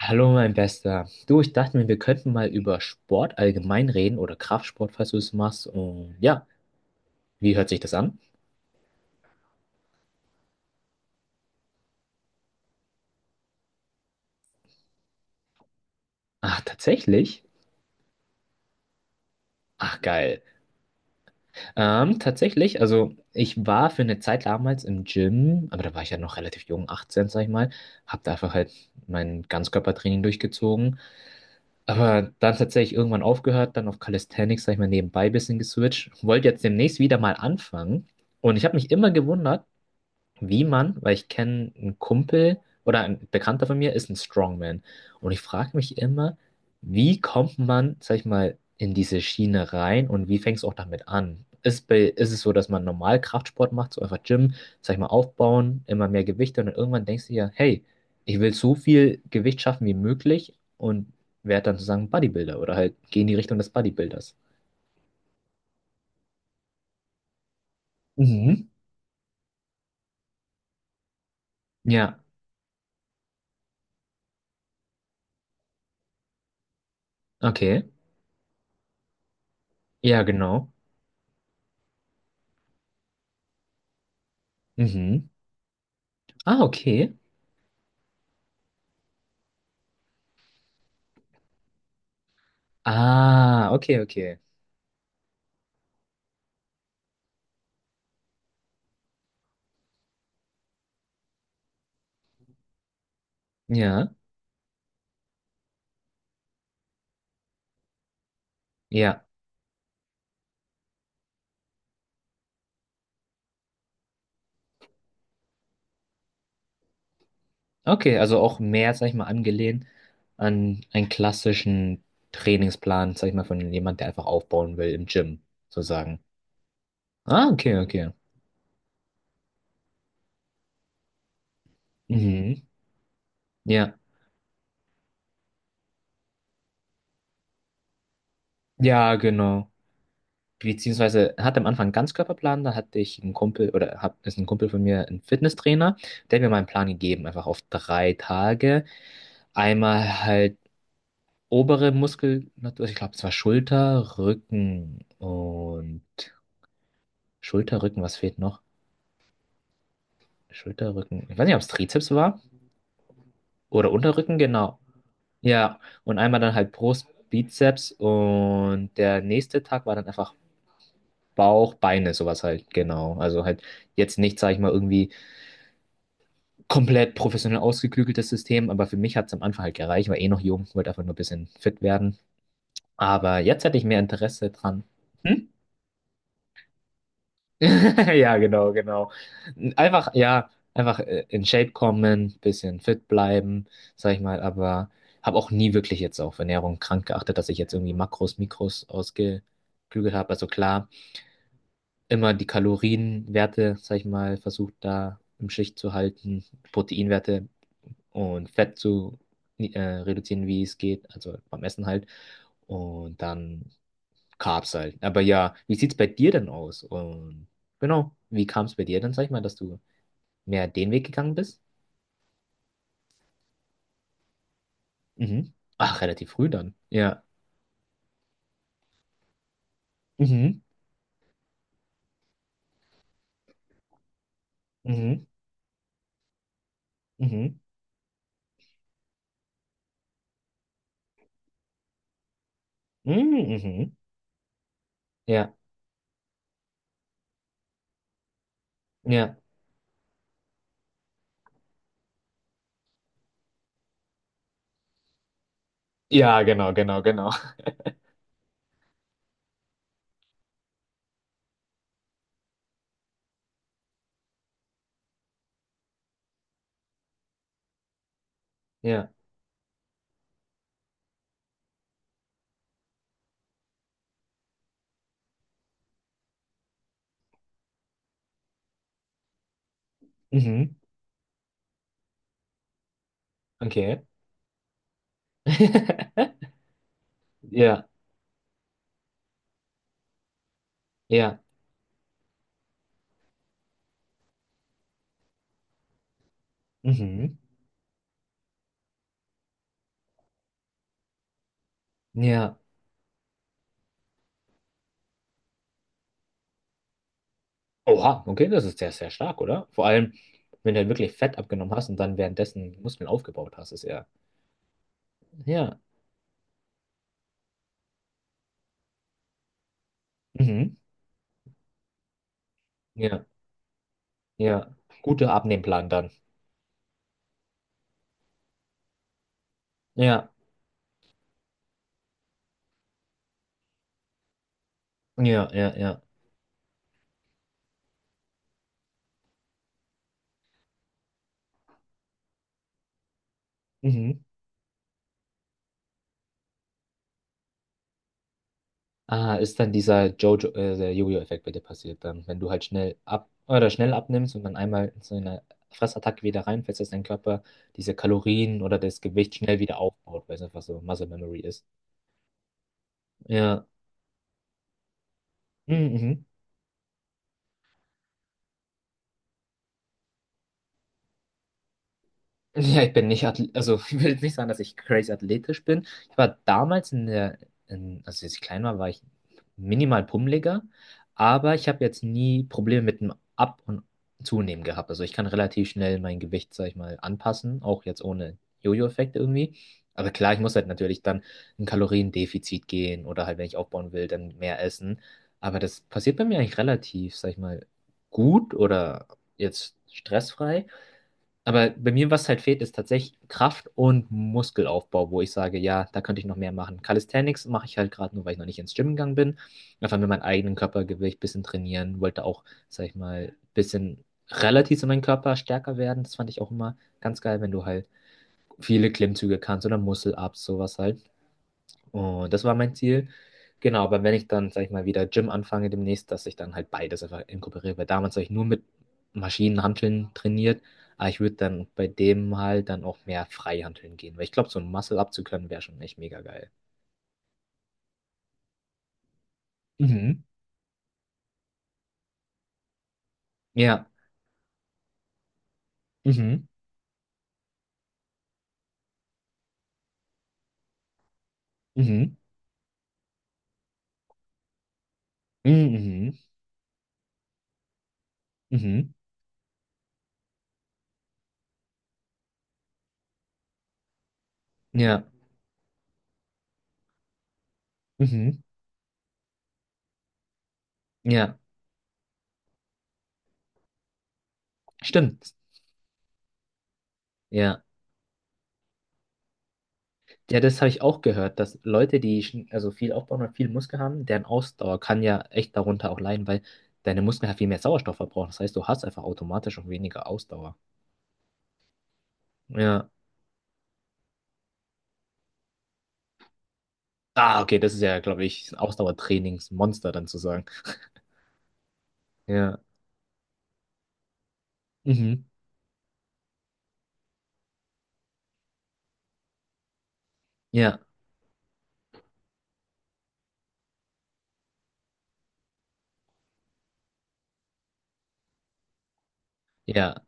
Hallo, mein Bester. Du, ich dachte mir, wir könnten mal über Sport allgemein reden oder Kraftsport, falls du es machst. Und ja, wie hört sich das an? Ach, tatsächlich? Ach, geil. Also ich war für eine Zeit damals im Gym, aber da war ich ja noch relativ jung, 18, sag ich mal. Hab da einfach halt mein Ganzkörpertraining durchgezogen. Aber dann tatsächlich irgendwann aufgehört, dann auf Calisthenics, sag ich mal, nebenbei ein bisschen geswitcht. Wollte jetzt demnächst wieder mal anfangen. Und ich habe mich immer gewundert, wie man, weil ich kenne einen Kumpel oder ein Bekannter von mir ist ein Strongman. Und ich frage mich immer, wie kommt man, sag ich mal, in diese Schiene rein und wie fängst du auch damit an? Ist, bei, ist es so, dass man normal Kraftsport macht, so einfach Gym, sag ich mal, aufbauen, immer mehr Gewichte und dann irgendwann denkst du ja, hey, ich will so viel Gewicht schaffen wie möglich und werde dann sozusagen Bodybuilder oder halt geh in die Richtung des Bodybuilders. Mhm. Ja, okay. Ja, genau. Mhm. Ah, okay. Ah, okay, okay. Ja, ja. Okay, also auch mehr, sag ich mal, angelehnt an einen klassischen Trainingsplan, sag ich mal, von jemand, der einfach aufbauen will im Gym, sozusagen. Ah, okay, okay. Mhm. Ja. Ja, genau. Beziehungsweise hatte am Anfang einen Ganzkörperplan, da hatte ich einen Kumpel, oder hab, ist ein Kumpel von mir, ein Fitnesstrainer, der hat mir mal einen Plan gegeben, einfach auf drei Tage. Einmal halt obere Muskulatur, ich glaube, es war Schulter, Rücken und Schulter, Rücken, was fehlt noch? Schulter, Rücken, ich weiß nicht, ob es Trizeps war oder Unterrücken, genau. Ja, und einmal dann halt Brust, Bizeps und der nächste Tag war dann einfach Bauch, Beine, sowas halt, genau. Also halt jetzt nicht, sag ich mal, irgendwie komplett professionell ausgeklügeltes System, aber für mich hat es am Anfang halt gereicht, war eh noch jung, wollte einfach nur ein bisschen fit werden. Aber jetzt hätte ich mehr Interesse dran. Hm? Ja, genau, genau. Einfach, ja, einfach in Shape kommen, bisschen fit bleiben, sag ich mal, aber habe auch nie wirklich jetzt auf Ernährung krank geachtet, dass ich jetzt irgendwie Makros, Mikros ausgeklügelt habe. Also klar, immer die Kalorienwerte, sag ich mal, versucht da im Schicht zu halten, Proteinwerte und Fett zu reduzieren, wie es geht, also beim Essen halt. Und dann Carbs halt. Aber ja, wie sieht's bei dir denn aus? Und genau, wie kam es bei dir dann, sag ich mal, dass du mehr den Weg gegangen bist? Mhm. Ach, relativ früh dann. Ja. Mhm. Mhm. Mhm. Mhm. Mhm. Ja. Ja. Ja, genau, genau, genau. Ja. Mhm. Okay. Ja. Ja. Mhm. Ja. Oha, okay, das ist sehr, sehr stark, oder? Vor allem, wenn du halt wirklich Fett abgenommen hast und dann währenddessen Muskeln aufgebaut hast, ist ja. Ja. Mhm. Ja. Ja, guter Abnehmplan dann. Ja, ja, ja, ja. Mhm. Ah, ist dann dieser der Jojo-Effekt bei dir passiert dann, wenn du halt schnell ab oder schnell abnimmst und dann einmal in so eine Fressattacke wieder reinfällst, dass dein Körper diese Kalorien oder das Gewicht schnell wieder aufbaut, weil es einfach so Muscle Memory ist. Ja. Mhm. Mhm. Ja, ich bin nicht Athlet, also ich will nicht sagen, dass ich crazy athletisch bin. Ich war damals also als ich klein war, war ich minimal pummeliger, aber ich habe jetzt nie Probleme mit dem Ab- und Zunehmen gehabt. Also ich kann relativ schnell mein Gewicht, sag ich mal, anpassen, auch jetzt ohne Jojo-Effekt irgendwie. Aber klar, ich muss halt natürlich dann ein Kaloriendefizit gehen oder halt, wenn ich aufbauen will, dann mehr essen. Aber das passiert bei mir eigentlich relativ, sag ich mal, gut oder jetzt stressfrei. Aber bei mir, was halt fehlt, ist tatsächlich Kraft und Muskelaufbau, wo ich sage, ja, da könnte ich noch mehr machen. Calisthenics mache ich halt gerade nur, weil ich noch nicht ins Gym gegangen bin. Einfach mit meinem eigenen Körpergewicht ein bisschen trainieren, wollte auch, sag ich mal, ein bisschen relativ zu meinem Körper stärker werden. Das fand ich auch immer ganz geil, wenn du halt viele Klimmzüge kannst oder Muscle-Ups, sowas halt. Und das war mein Ziel. Genau, aber wenn ich dann, sag ich mal, wieder Gym anfange demnächst, dass ich dann halt beides einfach inkorporiere, weil damals habe ich nur mit Maschinenhanteln trainiert, aber ich würde dann bei dem halt dann auch mehr Freihanteln gehen, weil ich glaube, so ein Muscle-Up zu können wäre schon echt mega geil. Mhm. Ja. Mhm. Mhm. Mhm. Mhm. Mhm. Ja. Mhm. Ja. Stimmt. Ja. Ja, das habe ich auch gehört, dass Leute, die also viel aufbauen und viel Muskel haben, deren Ausdauer kann ja echt darunter auch leiden, weil deine Muskeln halt viel mehr Sauerstoff verbrauchen. Das heißt, du hast einfach automatisch auch weniger Ausdauer. Ja. Ah, okay, das ist ja, glaube ich, ein Ausdauertrainingsmonster dann zu sagen. Ja. Mhm. Ja. Ja.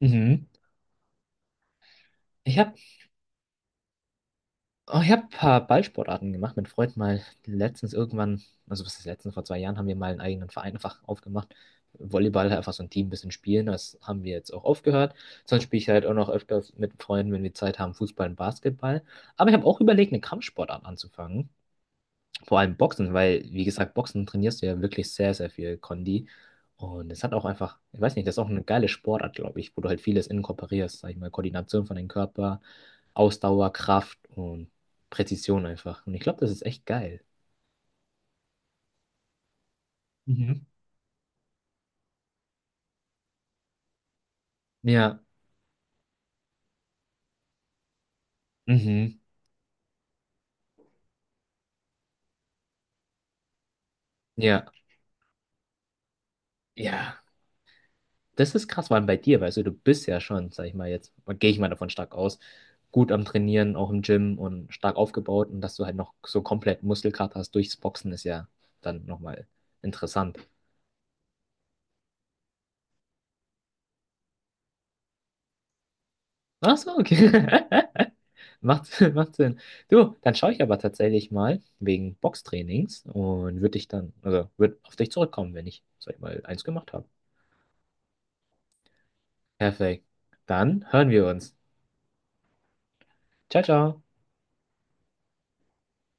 Mhm. Ich habe oh, ich habe ein paar Ballsportarten gemacht. Mein Freund mal letztens irgendwann, also was ist letztens, vor zwei Jahren haben wir mal einen eigenen Verein einfach aufgemacht. Volleyball einfach so ein Team ein bisschen spielen, das haben wir jetzt auch aufgehört. Sonst spiele ich halt auch noch öfters mit Freunden, wenn wir Zeit haben, Fußball und Basketball. Aber ich habe auch überlegt, eine Kampfsportart anzufangen. Vor allem Boxen, weil, wie gesagt, Boxen trainierst du ja wirklich sehr, sehr viel Kondi. Und es hat auch einfach, ich weiß nicht, das ist auch eine geile Sportart, glaube ich, wo du halt vieles inkorporierst, sag ich mal, Koordination von dem Körper, Ausdauer, Kraft und Präzision einfach. Und ich glaube, das ist echt geil. Mhm. Ja, mhm, ja, ja. Das ist krass, vor allem bei dir, weißt du, du bist ja schon, sag ich mal jetzt, gehe ich mal davon stark aus, gut am Trainieren, auch im Gym und stark aufgebaut und dass du halt noch so komplett Muskelkater hast durchs Boxen ist ja dann nochmal interessant. Ach so, okay. Macht, macht Sinn. Du, dann schaue ich aber tatsächlich mal wegen Boxtrainings und würde dich dann, also würde auf dich zurückkommen, wenn ich, sag ich mal, eins gemacht habe. Perfekt. Dann hören wir uns. Ciao, ciao.